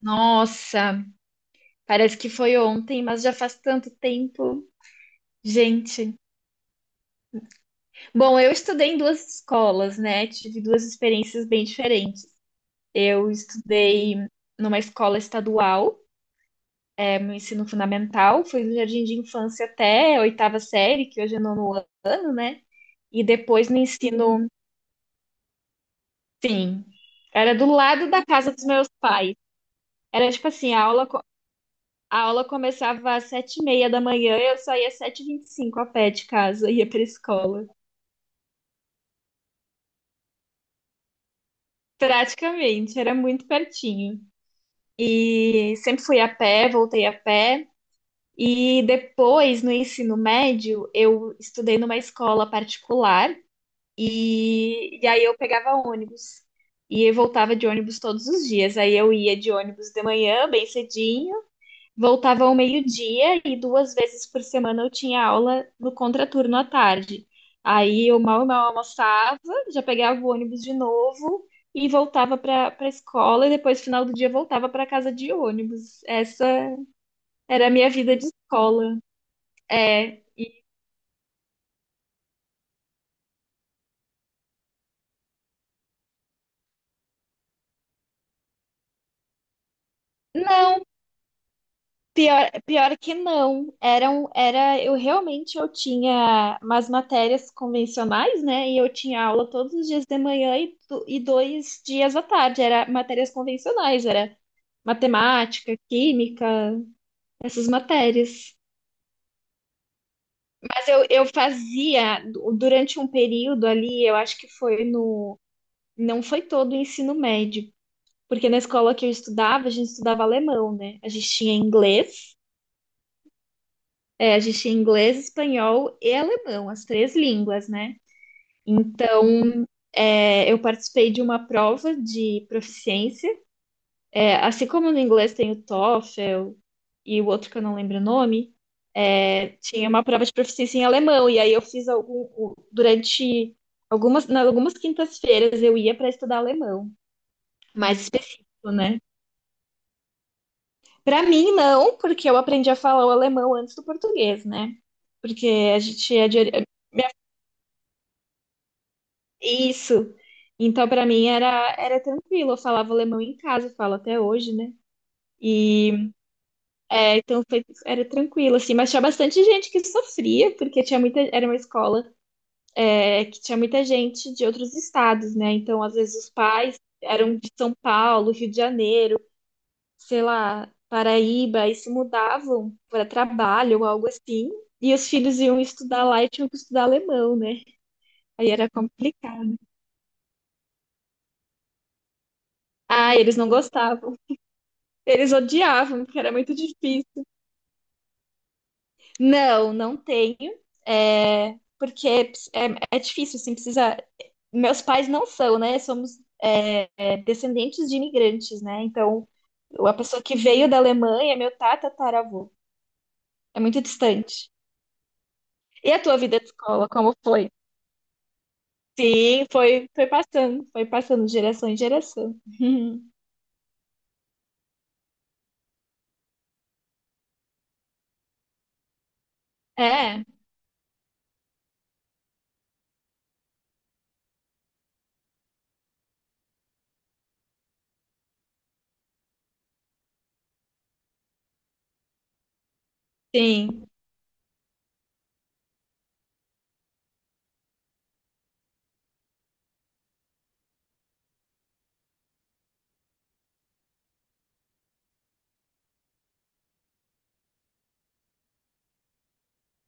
Nossa, parece que foi ontem, mas já faz tanto tempo. Gente, bom, eu estudei em duas escolas, né? Tive duas experiências bem diferentes. Eu estudei numa escola estadual, é meu ensino fundamental, foi do jardim de infância até a oitava série, que hoje é nono ano, né? E depois no ensino, sim, era do lado da casa dos meus pais. Era tipo assim, a aula começava às sete e meia da manhã, eu saía às sete e vinte e cinco a pé de casa, ia para a escola. Praticamente, era muito pertinho. E sempre fui a pé, voltei a pé. E depois, no ensino médio, eu estudei numa escola particular e aí eu pegava ônibus. E eu voltava de ônibus todos os dias. Aí eu ia de ônibus de manhã, bem cedinho. Voltava ao meio-dia e duas vezes por semana eu tinha aula no contraturno à tarde. Aí eu mal e mal almoçava, já pegava o ônibus de novo e voltava para a escola e depois, final do dia, voltava para casa de ônibus. Essa era a minha vida de escola. É, não. Pior, pior que não. Eram, era, eu realmente eu tinha umas matérias convencionais, né? E eu tinha aula todos os dias de manhã e, e dois dias à tarde. Era matérias convencionais, era matemática, química, essas matérias. Mas eu fazia durante um período ali, eu acho que foi no, não foi todo o ensino médio, porque na escola que eu estudava, a gente estudava alemão, né? A gente tinha inglês. É, a gente tinha inglês, espanhol e alemão, as três línguas, né? Então, é, eu participei de uma prova de proficiência. É, assim como no inglês tem o TOEFL e o outro que eu não lembro o nome, é, tinha uma prova de proficiência em alemão. E aí eu fiz algum, durante algumas, nas algumas quintas-feiras eu ia para estudar alemão, mais específico, né? Para mim, não, porque eu aprendi a falar o alemão antes do português, né? Porque a gente é de, Isso. Então, para mim era, era tranquilo. Eu falava alemão em casa, falo até hoje, né? E é, então foi, era tranquilo, assim, mas tinha bastante gente que sofria, porque tinha muita, era uma escola é, que tinha muita gente de outros estados, né? Então, às vezes, os pais eram de São Paulo, Rio de Janeiro, sei lá, Paraíba, e se mudavam para trabalho ou algo assim. E os filhos iam estudar lá e tinham que estudar alemão, né? Aí era complicado. Ah, eles não gostavam. Eles odiavam, porque era muito difícil. Não, não tenho. É, porque é, é difícil, assim, precisa. Meus pais não são, né? Somos é, é, descendentes de imigrantes, né? Então, a pessoa que veio da Alemanha é meu tatataravô. É muito distante. E a tua vida de escola, como foi? Sim, foi, foi passando de geração em geração. É, sim.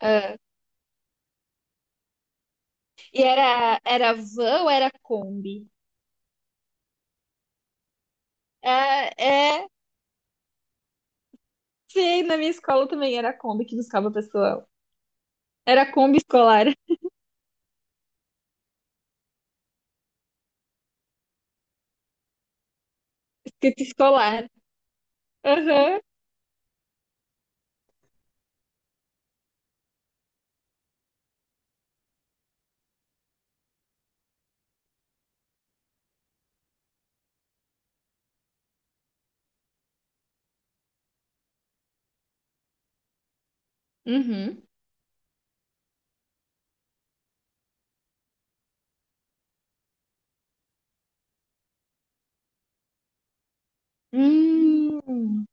Ah, e era, era van ou era Kombi? Ah, é, sim, na minha escola também era a Kombi que buscava o pessoal. Era a Kombi escolar, escrito escolar. Aham. Uhum. Hum.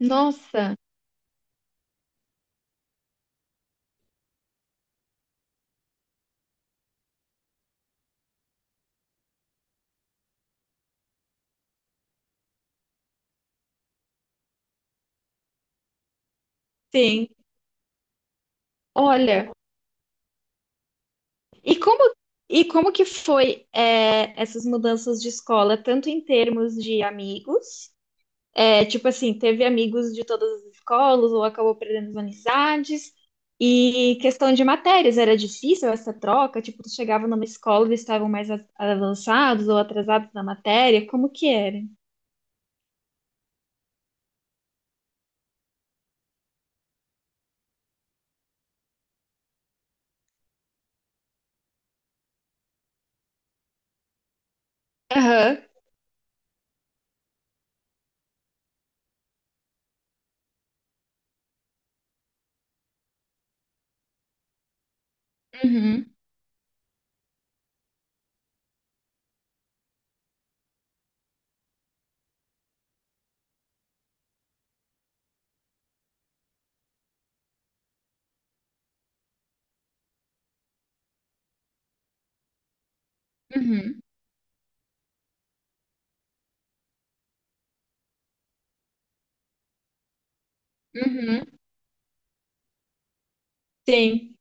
Nossa, sim. Olha, e como e como que foi é, essas mudanças de escola, tanto em termos de amigos. É, tipo assim, teve amigos de todas as escolas, ou acabou perdendo as amizades. E questão de matérias, era difícil essa troca? Tipo, tu chegava numa escola, eles estavam mais avançados ou atrasados na matéria? Como que era? Aham, uhum, uhum, uhum. Sim,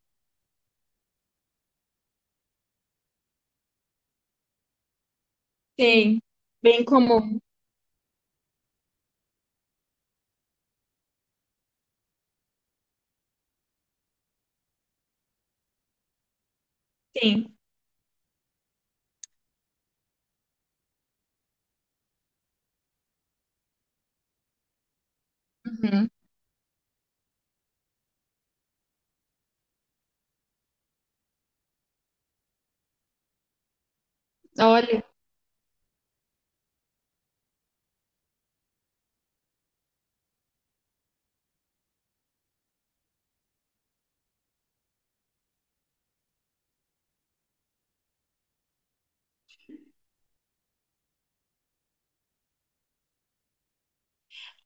sim. Bem comum, sim. Uhum. Olha,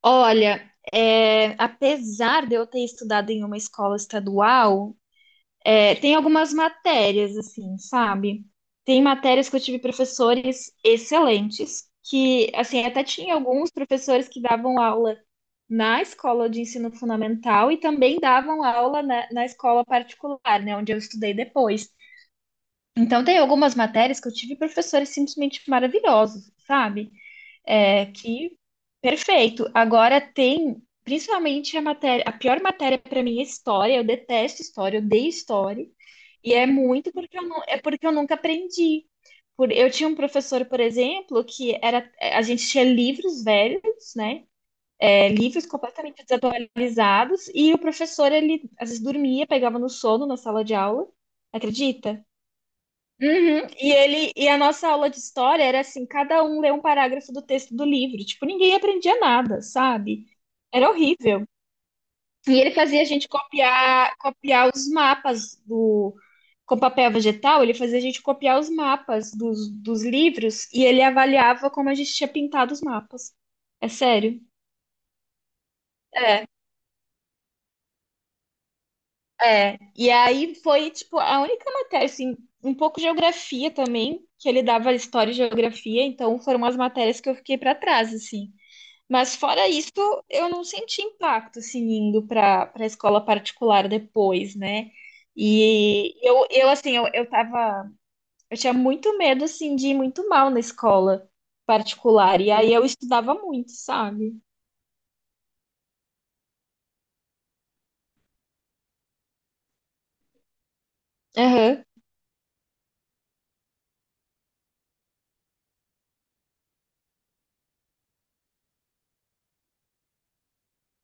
olha, é, apesar de eu ter estudado em uma escola estadual, é, tem algumas matérias, assim, sabe? Tem matérias que eu tive professores excelentes, que, assim, até tinha alguns professores que davam aula na escola de ensino fundamental e também davam aula na, na escola particular, né, onde eu estudei depois. Então, tem algumas matérias que eu tive professores simplesmente maravilhosos, sabe? É, que perfeito. Agora, tem, principalmente, a matéria, a pior matéria para mim é história. Eu detesto história, eu odeio história. E é muito porque eu não, é porque eu nunca aprendi. Por, eu tinha um professor, por exemplo, que era, a gente tinha livros velhos, né? É, livros completamente desatualizados, e o professor, ele às vezes dormia, pegava no sono na sala de aula, acredita? Uhum. E ele, e a nossa aula de história era assim, cada um lê um parágrafo do texto do livro. Tipo, ninguém aprendia nada, sabe? Era horrível. E ele fazia a gente copiar, copiar os mapas do, com papel vegetal, ele fazia a gente copiar os mapas dos, dos livros e ele avaliava como a gente tinha pintado os mapas. É sério. É, é. E aí foi, tipo, a única matéria, assim, um pouco de geografia também, que ele dava história e geografia, então foram as matérias que eu fiquei pra trás, assim. Mas fora isso, eu não senti impacto assim indo para a escola particular depois, né? E eu assim, eu tava, eu tinha muito medo assim de ir muito mal na escola particular e aí eu estudava muito, sabe? Aham.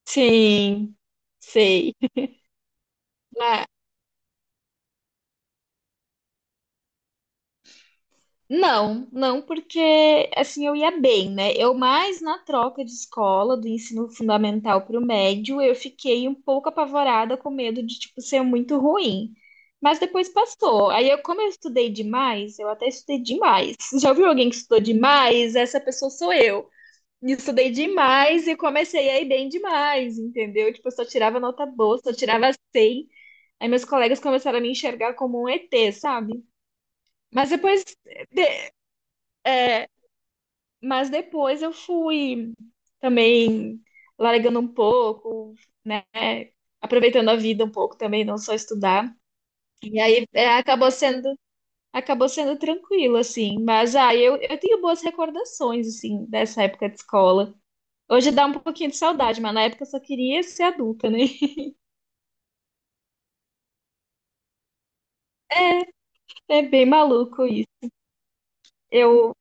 Sim, sei. Não, não, porque assim eu ia bem, né? Eu mais na troca de escola do ensino fundamental para o médio, eu fiquei um pouco apavorada com medo de tipo ser muito ruim. Mas depois passou. Aí eu, como eu estudei demais, eu até estudei demais. Já ouviu alguém que estudou demais? Essa pessoa sou eu. Estudei demais e comecei a ir bem demais, entendeu? Tipo, eu só tirava nota boa, só tirava 100. Aí meus colegas começaram a me enxergar como um ET, sabe? Mas depois mas depois eu fui também largando um pouco, né? Aproveitando a vida um pouco também, não só estudar. E aí é, acabou sendo tranquilo, assim. Mas ah, eu tenho boas recordações, assim, dessa época de escola. Hoje dá um pouquinho de saudade, mas na época eu só queria ser adulta, né? É bem maluco isso. Eu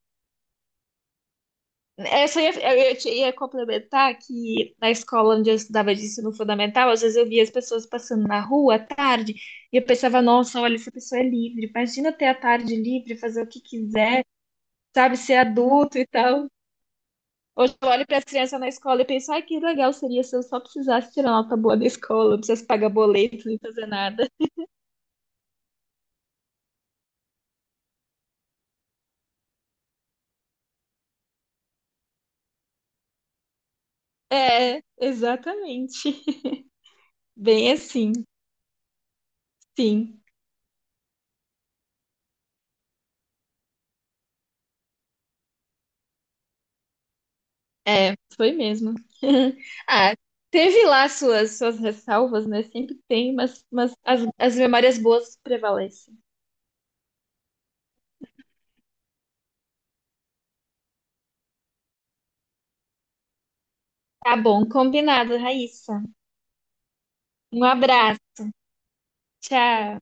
essa ia, eu ia, ia complementar que na escola onde eu estudava de ensino fundamental, às vezes eu via as pessoas passando na rua à tarde e eu pensava, nossa, olha, essa pessoa é livre. Imagina ter a tarde livre, fazer o que quiser, sabe, ser adulto e tal. Hoje eu olho para as crianças na escola e penso, ai, que legal seria se eu só precisasse tirar nota boa da escola, não precisasse pagar boleto, nem fazer nada. É, exatamente. Bem assim, sim. É, foi mesmo. Ah, teve lá suas, suas ressalvas, né? Sempre tem, mas as memórias boas prevalecem. Tá bom, combinado, Raíssa. Um abraço, tchau.